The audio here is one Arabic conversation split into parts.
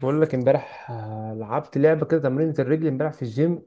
بقول لك امبارح لعبت لعبه كده تمرينة الرجل امبارح في الجيم.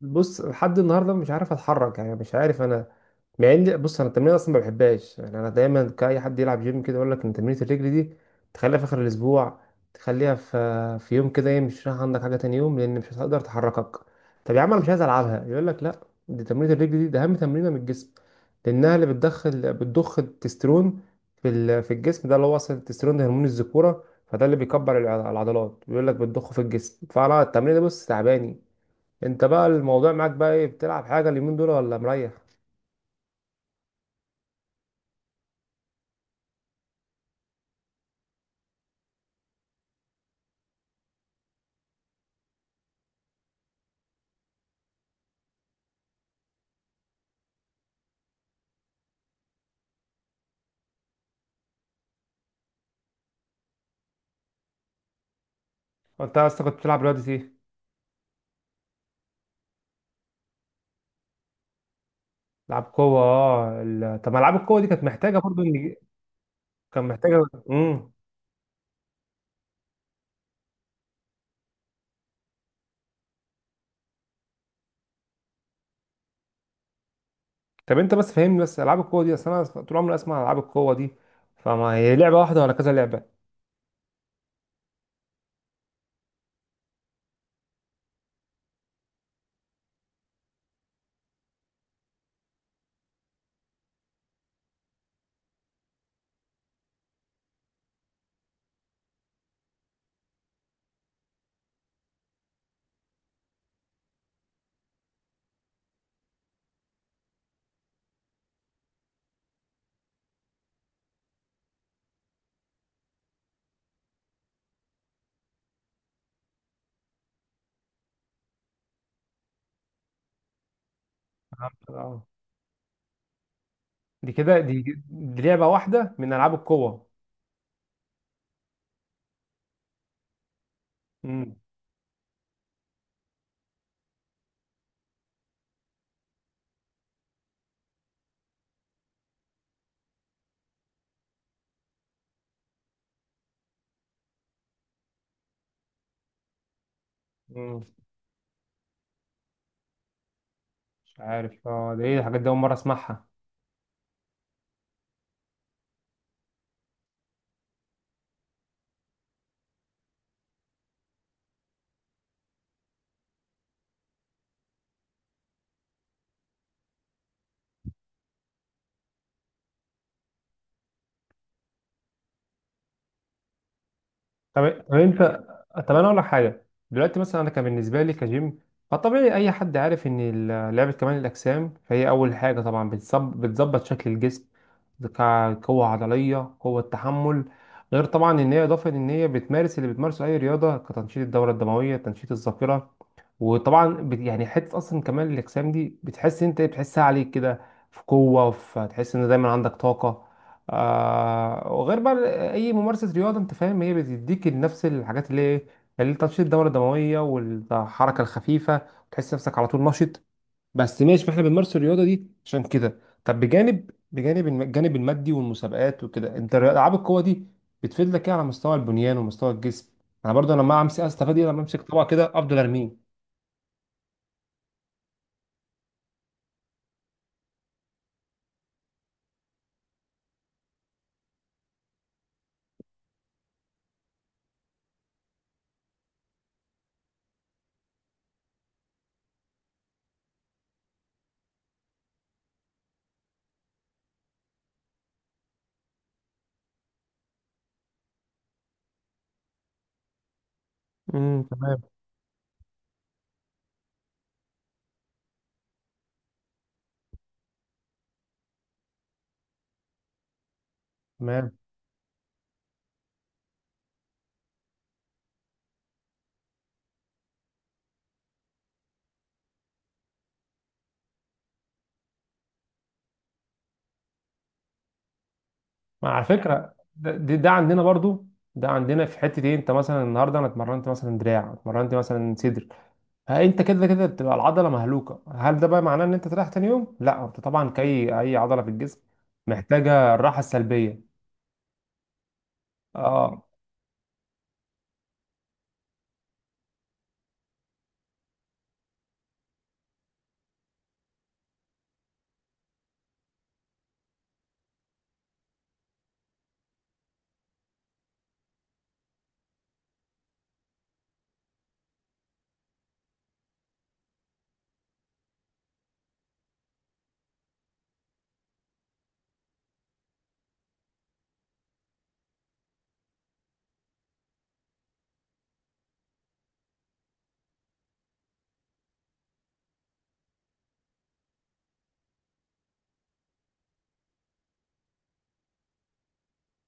بص، لحد النهارده مش عارف اتحرك، يعني مش عارف انا. مع ان بص انا التمرين اصلا ما بحبهاش، يعني انا دايما، كاي حد يلعب جيم كده يقول لك ان تمرينه الرجل دي تخليها في اخر الاسبوع، تخليها في يوم كده ايه مش رايح عندك حاجه تاني يوم، لان مش هتقدر تحركك. طب يا عم انا مش عايز العبها، يقول لك لا، دي تمرينه الرجل دي ده اهم تمرينه من الجسم، لانها اللي بتدخل بتضخ التسترون في في الجسم ده، اللي هو اصلا التسترون ده هرمون الذكوره، فده اللي بيكبر العضلات، بيقول لك بتضخه في الجسم، فانا التمرين ده بص تعباني. انت بقى الموضوع معاك بقى ايه، بتلعب حاجه اليومين دول ولا مريح؟ انت اصلا كنت بتلعب رياضه ايه؟ لعب قوه. طب ما العاب القوه دي كانت محتاجه برضو ان كان محتاجه. امم. طب انت بس فهمني بس، العاب القوه دي، اصل انا طول عمري اسمع عن العاب القوه دي، فما هي لعبه واحده ولا كذا لعبه؟ فهمت، اه، دي كده دي لعبه واحده من العاب القوه. امم. امم. مش عارف اه ده ايه الحاجات دي، اول مره اسمعها. طب انت. طب انا اقول لك حاجه. دلوقتي مثلا، انا كان بالنسبه لي كجيم فطبيعي اي حد عارف ان لعبه كمال الاجسام، فهي اول حاجه طبعا بتظبط شكل الجسم، قوه عضليه، قوه تحمل. غير طبعا ان هي اضافه، ان هي بتمارس اللي بتمارسه اي رياضه، كتنشيط الدوره الدمويه، تنشيط الذاكره. وطبعا يعني حته اصلا كمال الاجسام دي بتحس انت إيه، بتحسها عليك كده، في قوه، في تحس ان دايما عندك طاقه. وغير بقى اي ممارسه رياضه انت فاهم هي بتديك نفس الحاجات اللي ايه، اللي تنشيط الدوره الدمويه والحركه الخفيفه، وتحس نفسك على طول نشط. بس ماشي، ما احنا بنمارس الرياضه دي عشان كده. طب بجانب، الجانب المادي والمسابقات وكده، انت العاب القوه دي بتفيد لك ايه على مستوى البنيان ومستوى الجسم؟ انا برضه لما امسك، استفاد ايه لما امسك طبق كده افضل ارميه؟ امم. تمام. تمام. ما على فكره ده عندنا برضو، ده عندنا في حته ايه، انت مثلا النهارده انا اتمرنت مثلا دراع، اتمرنت مثلا صدر، ها، انت كده كده بتبقى العضله مهلوكه، هل ده بقى معناه ان انت تريح تاني يوم؟ لا، انت طبعا كاي اي عضله في الجسم محتاجه الراحه السلبيه. اه.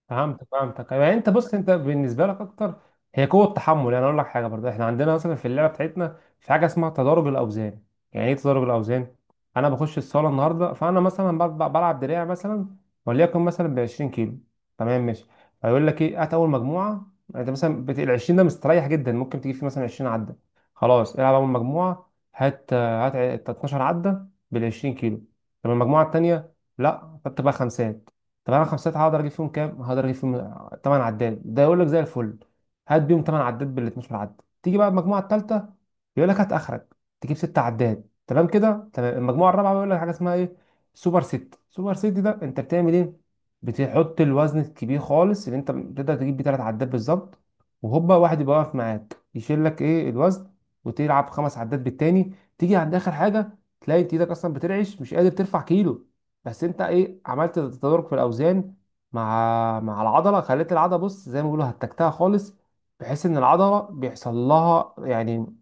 فهمتك، فهمتك، يعني انت، بص، انت بالنسبه لك اكتر هي قوه التحمل. يعني اقول لك حاجه برضه، احنا عندنا مثلا في اللعبه بتاعتنا في حاجه اسمها تدرج الاوزان. يعني ايه تدرج الاوزان؟ انا بخش الصاله النهارده فانا مثلا بلعب دراع مثلا، وليكن مثلا ب 20 كيلو. تمام، ماشي. فيقول لك ايه، هات اول مجموعه، انت مثلا ال 20 ده مستريح جدا، ممكن تجيب فيه مثلا 20 عده، خلاص، العب اول مجموعه، هات 12 عده بال 20 كيلو. طب المجموعه التانيه؟ لا، فتبقى خمسات. طب انا خمسات هقدر اجيب فيهم كام؟ هقدر اجيب فيهم 8 عداد. ده يقول لك زي الفل، هات بيهم 8 عداد بال 12 عداد. تيجي بقى المجموعه الثالثه، يقول لك هات اخرك، تجيب 6 عداد، تمام كده، تمام. المجموعه الرابعه بيقول لك حاجه اسمها ايه؟ سوبر ست. سوبر ست ده انت بتعمل ايه؟ بتحط الوزن الكبير خالص اللي انت بتقدر تجيب بيه 3 عداد بالظبط، وهوبا واحد يبقى واقف معاك يشيل لك ايه الوزن، وتلعب خمس عداد بالتاني. تيجي عند اخر حاجه تلاقي انت ايدك اصلا بترعش، مش قادر ترفع كيلو. بس انت ايه عملت؟ تدرج في الاوزان، مع العضله، خليت العضله بص زي ما بيقولوا هتكتها خالص، بحيث ان العضله بيحصل لها يعني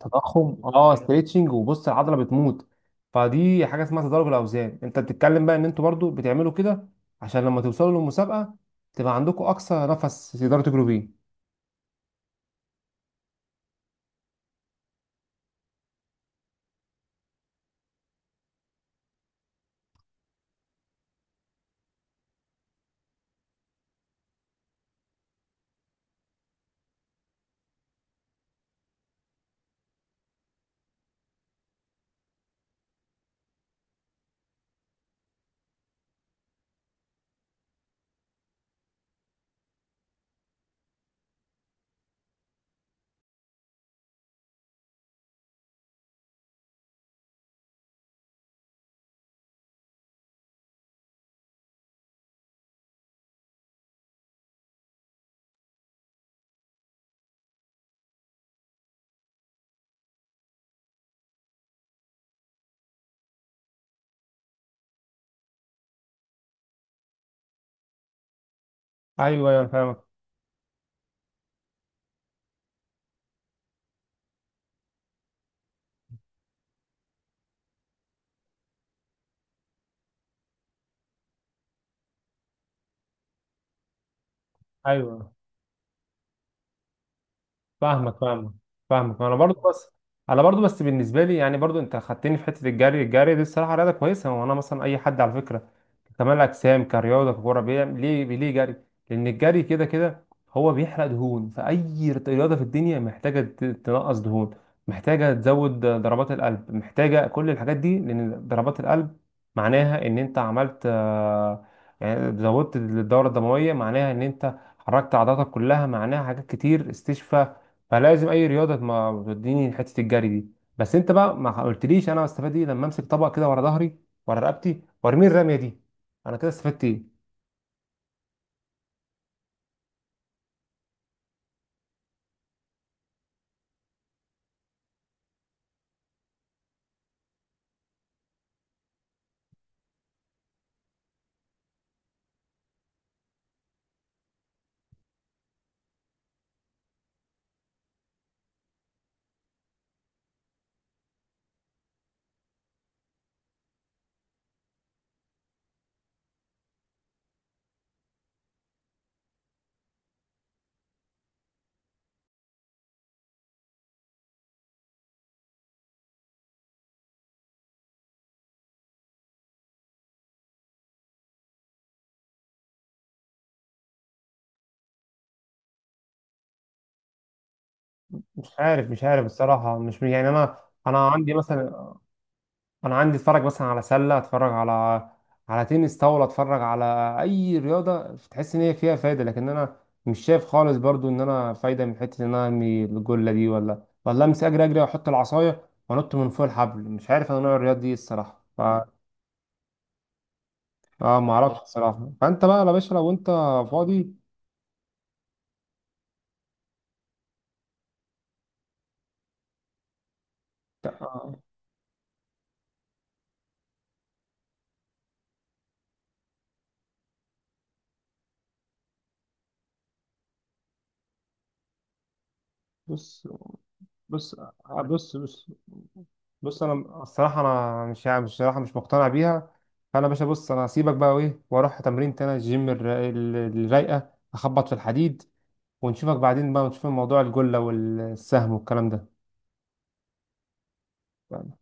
تضخم، اه، ستريتشنج، وبص العضله بتموت. فدي حاجه اسمها تدرج الاوزان، انت بتتكلم بقى ان انتوا برضو بتعملوا كده عشان لما توصلوا للمسابقه تبقى عندكم اقصى نفس تقدروا تجروا بيه. ايوه، ايوه، أنا فاهمك. ايوه، فاهمك، فاهمك. فاهمك، انا برضو بس. انا برضو بس بالنسبه لي يعني برضو، انت خدتني في حته الجري، الجري دي الصراحه رياضه كويسه، وانا مثلا اي حد على فكره كمال اجسام كرياضه ككوره بيعمل ليه جري، لان الجري كده كده هو بيحرق دهون، فاي رياضه في الدنيا محتاجه تنقص دهون، محتاجه تزود ضربات القلب، محتاجه كل الحاجات دي، لان ضربات القلب معناها ان انت عملت يعني زودت الدوره الدمويه، معناها ان انت حركت عضلاتك كلها، معناها حاجات كتير، استشفى. فلازم اي رياضه ما توديني حته الجري دي. بس انت بقى ما قلتليش، انا هستفاد ايه لما امسك طبق كده ورا ظهري، ورا رقبتي، وارمي الرميه دي، انا كده استفدت ايه؟ مش عارف، مش عارف الصراحه، مش يعني انا، انا عندي مثلا انا عندي اتفرج مثلا على سله، اتفرج على تنس طاوله، اتفرج على اي رياضه تحس ان هي فيها فايده، لكن انا مش شايف خالص برضو ان انا فايده من حته ان انا ارمي الجله دي ولا امسك اجري اجري واحط العصايه وانط من فوق الحبل، مش عارف انا نوع الرياضه دي إيه الصراحه. اه، ما اعرفش الصراحه. فانت بقى يا باشا لو انت فاضي، آه، بص بص، بص بص، بص انا الصراحه انا مش الصراحه مش مقتنع بيها. فانا يا باشا بص، انا هسيبك بقى وايه، واروح تمرين تاني، الجيم الرايقه، اخبط في الحديد، ونشوفك بعدين بقى، ونشوف موضوع الجله والسهم والكلام ده.